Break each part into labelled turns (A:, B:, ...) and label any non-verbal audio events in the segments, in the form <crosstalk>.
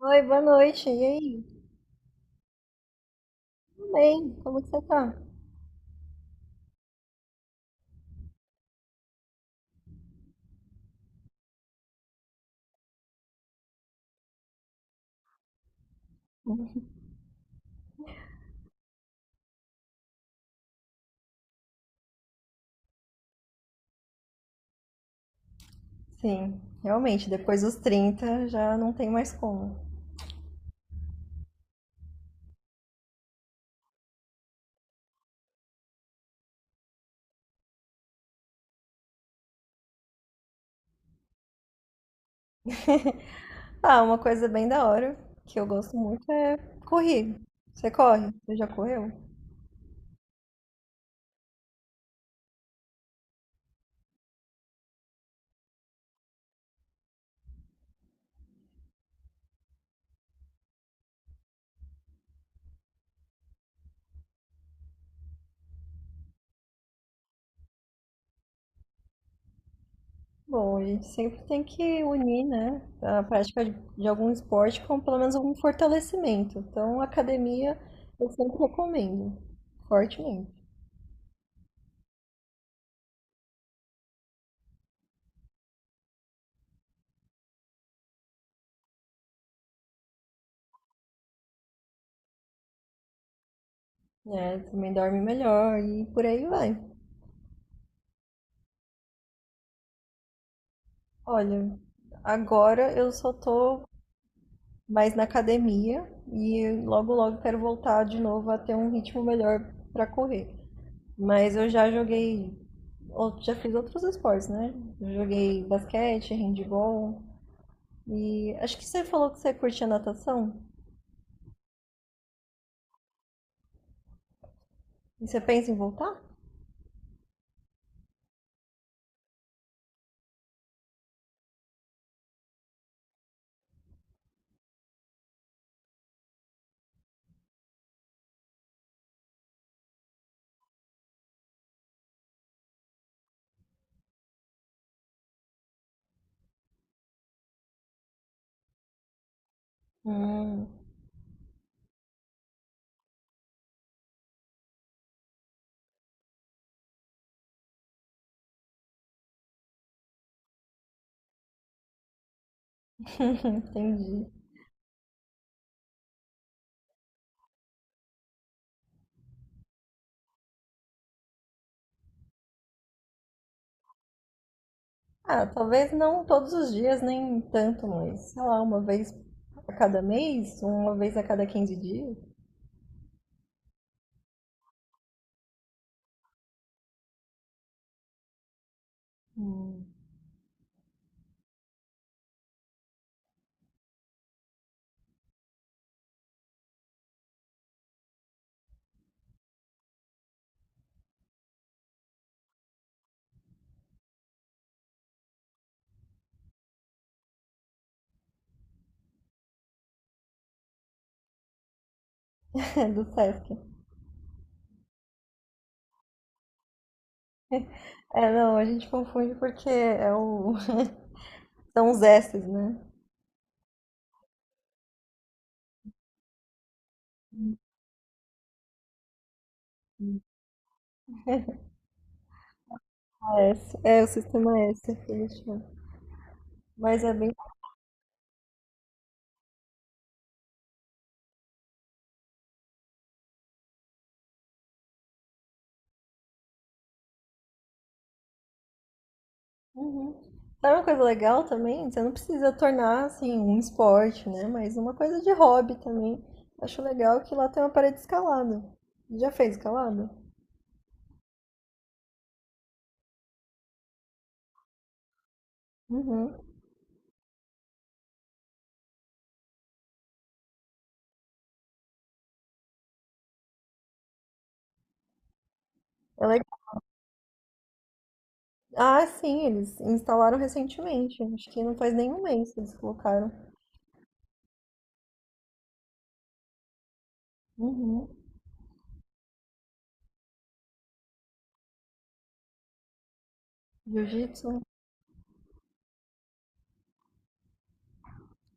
A: Oi, boa noite. E aí? Tudo bem? Como que você tá? <laughs> Sim, realmente, depois dos 30 já não tem mais como. <laughs> Ah, uma coisa bem da hora que eu gosto muito é correr. Você corre? Você já correu? Bom, a gente sempre tem que unir, né, a prática de algum esporte com pelo menos algum fortalecimento. Então, academia eu sempre recomendo, fortemente. Né? Também dorme melhor e por aí vai. Olha, agora eu só tô mais na academia e logo logo quero voltar de novo a ter um ritmo melhor pra correr. Mas eu já joguei, já fiz outros esportes, né? Eu joguei basquete, handball e acho que você falou que você curte a natação. E você pensa em voltar? Hum. <laughs> Entendi. Ah, talvez não todos os dias, nem tanto, mas sei lá, uma vez a cada mês, uma vez a cada 15 dias. Hum. <laughs> Do Sesc. É, não, a gente confunde porque é o. <laughs> São os S's, né? A S. É, o sistema S que eles chamam. Mas é bem. Uhum. Sabe uma coisa legal também? Você não precisa tornar assim um esporte, né? Mas uma coisa de hobby também. Acho legal que lá tem uma parede escalada. Já fez escalada? Uhum. É legal. Ah, sim, eles instalaram recentemente. Acho que não faz nenhum mês que eles colocaram. Uhum. Jiu-jitsu.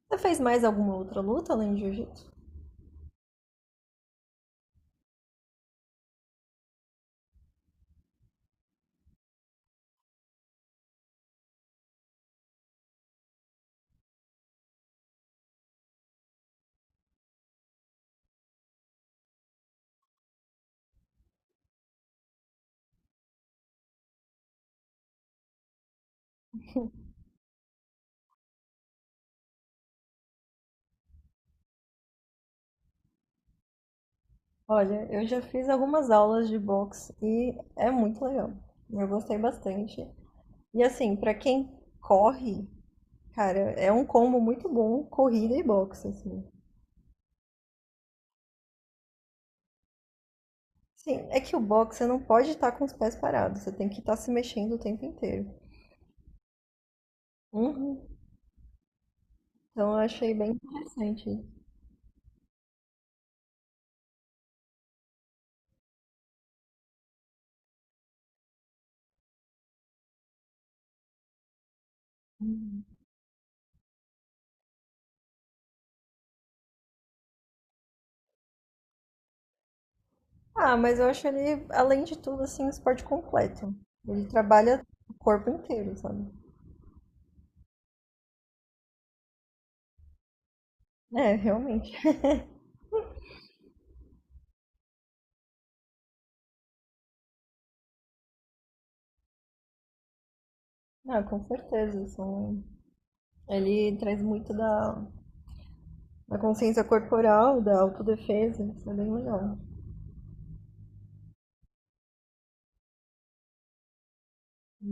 A: Você fez mais alguma outra luta além de jiu-jitsu? Olha, eu já fiz algumas aulas de boxe e é muito legal. Eu gostei bastante. E assim, pra quem corre, cara, é um combo muito bom, corrida e boxe, assim. Sim, é que o boxe você não pode estar com os pés parados, você tem que estar se mexendo o tempo inteiro. Uhum. Então eu achei bem interessante. Uhum. Ah, mas eu acho ele, além de tudo, assim, um esporte completo. Ele trabalha o corpo inteiro, sabe? É, realmente. <laughs> Ah, com certeza, são. Ele traz muito da, consciência corporal, da autodefesa. Isso é bem legal.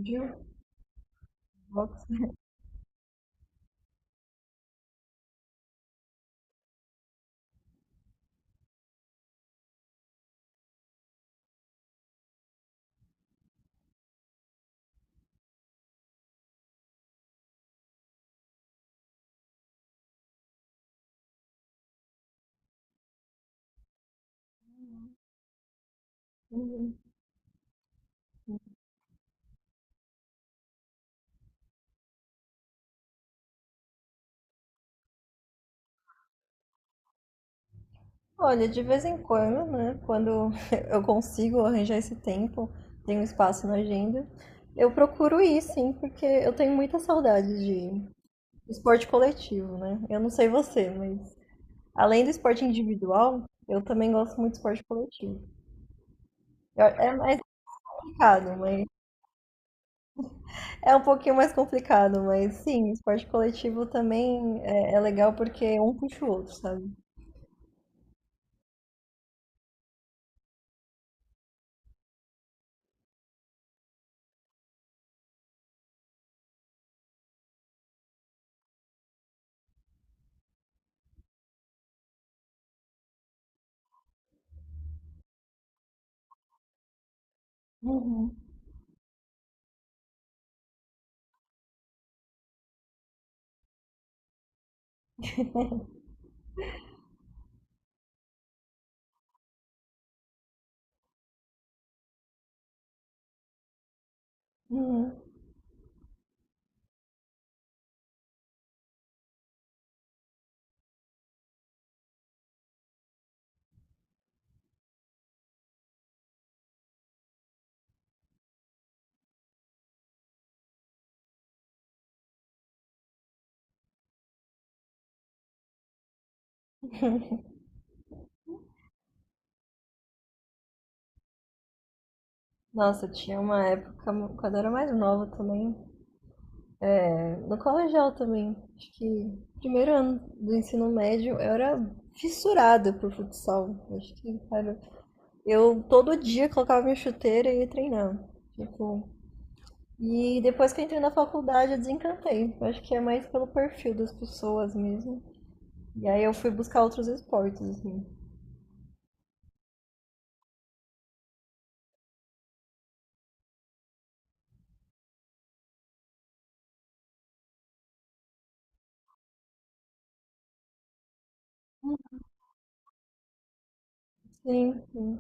A: Viu? Box. <laughs> Olha, de vez em quando, né? Quando <laughs> eu consigo arranjar esse tempo, tenho espaço na agenda, eu procuro ir, sim, porque eu tenho muita saudade de esporte coletivo, né? Eu não sei você, mas além do esporte individual, eu também gosto muito de esporte coletivo. É mais complicado, mas é um pouquinho mais complicado, mas sim, esporte coletivo também é, é legal porque um puxa o outro, sabe? Uhum, uhum. Nossa, tinha uma época, quando eu era mais nova também, é, no colegial também, acho que primeiro ano do ensino médio, eu era fissurada por futsal. Acho que, cara, eu todo dia colocava minha chuteira e ia treinar. Tipo, e depois que eu entrei na faculdade, eu desencantei. Eu acho que é mais pelo perfil das pessoas mesmo. E aí eu fui buscar outros esportes, assim. Sim, sim.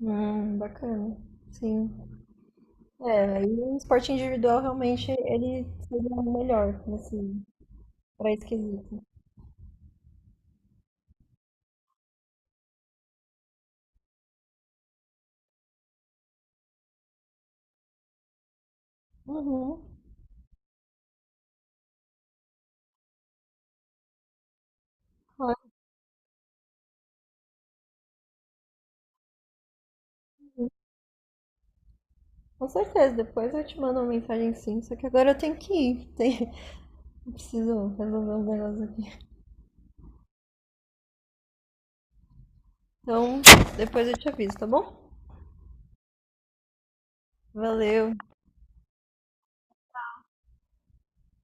A: Bacana. Sim. É, aí o esporte individual realmente ele seria o melhor, assim, pra esse quesito. Uhum, claro. Com certeza, depois eu te mando uma mensagem sim, só que agora eu tenho que ir. Tem. <laughs> Eu preciso resolver uns negócios aqui. Então, depois eu te aviso, tá bom? Valeu.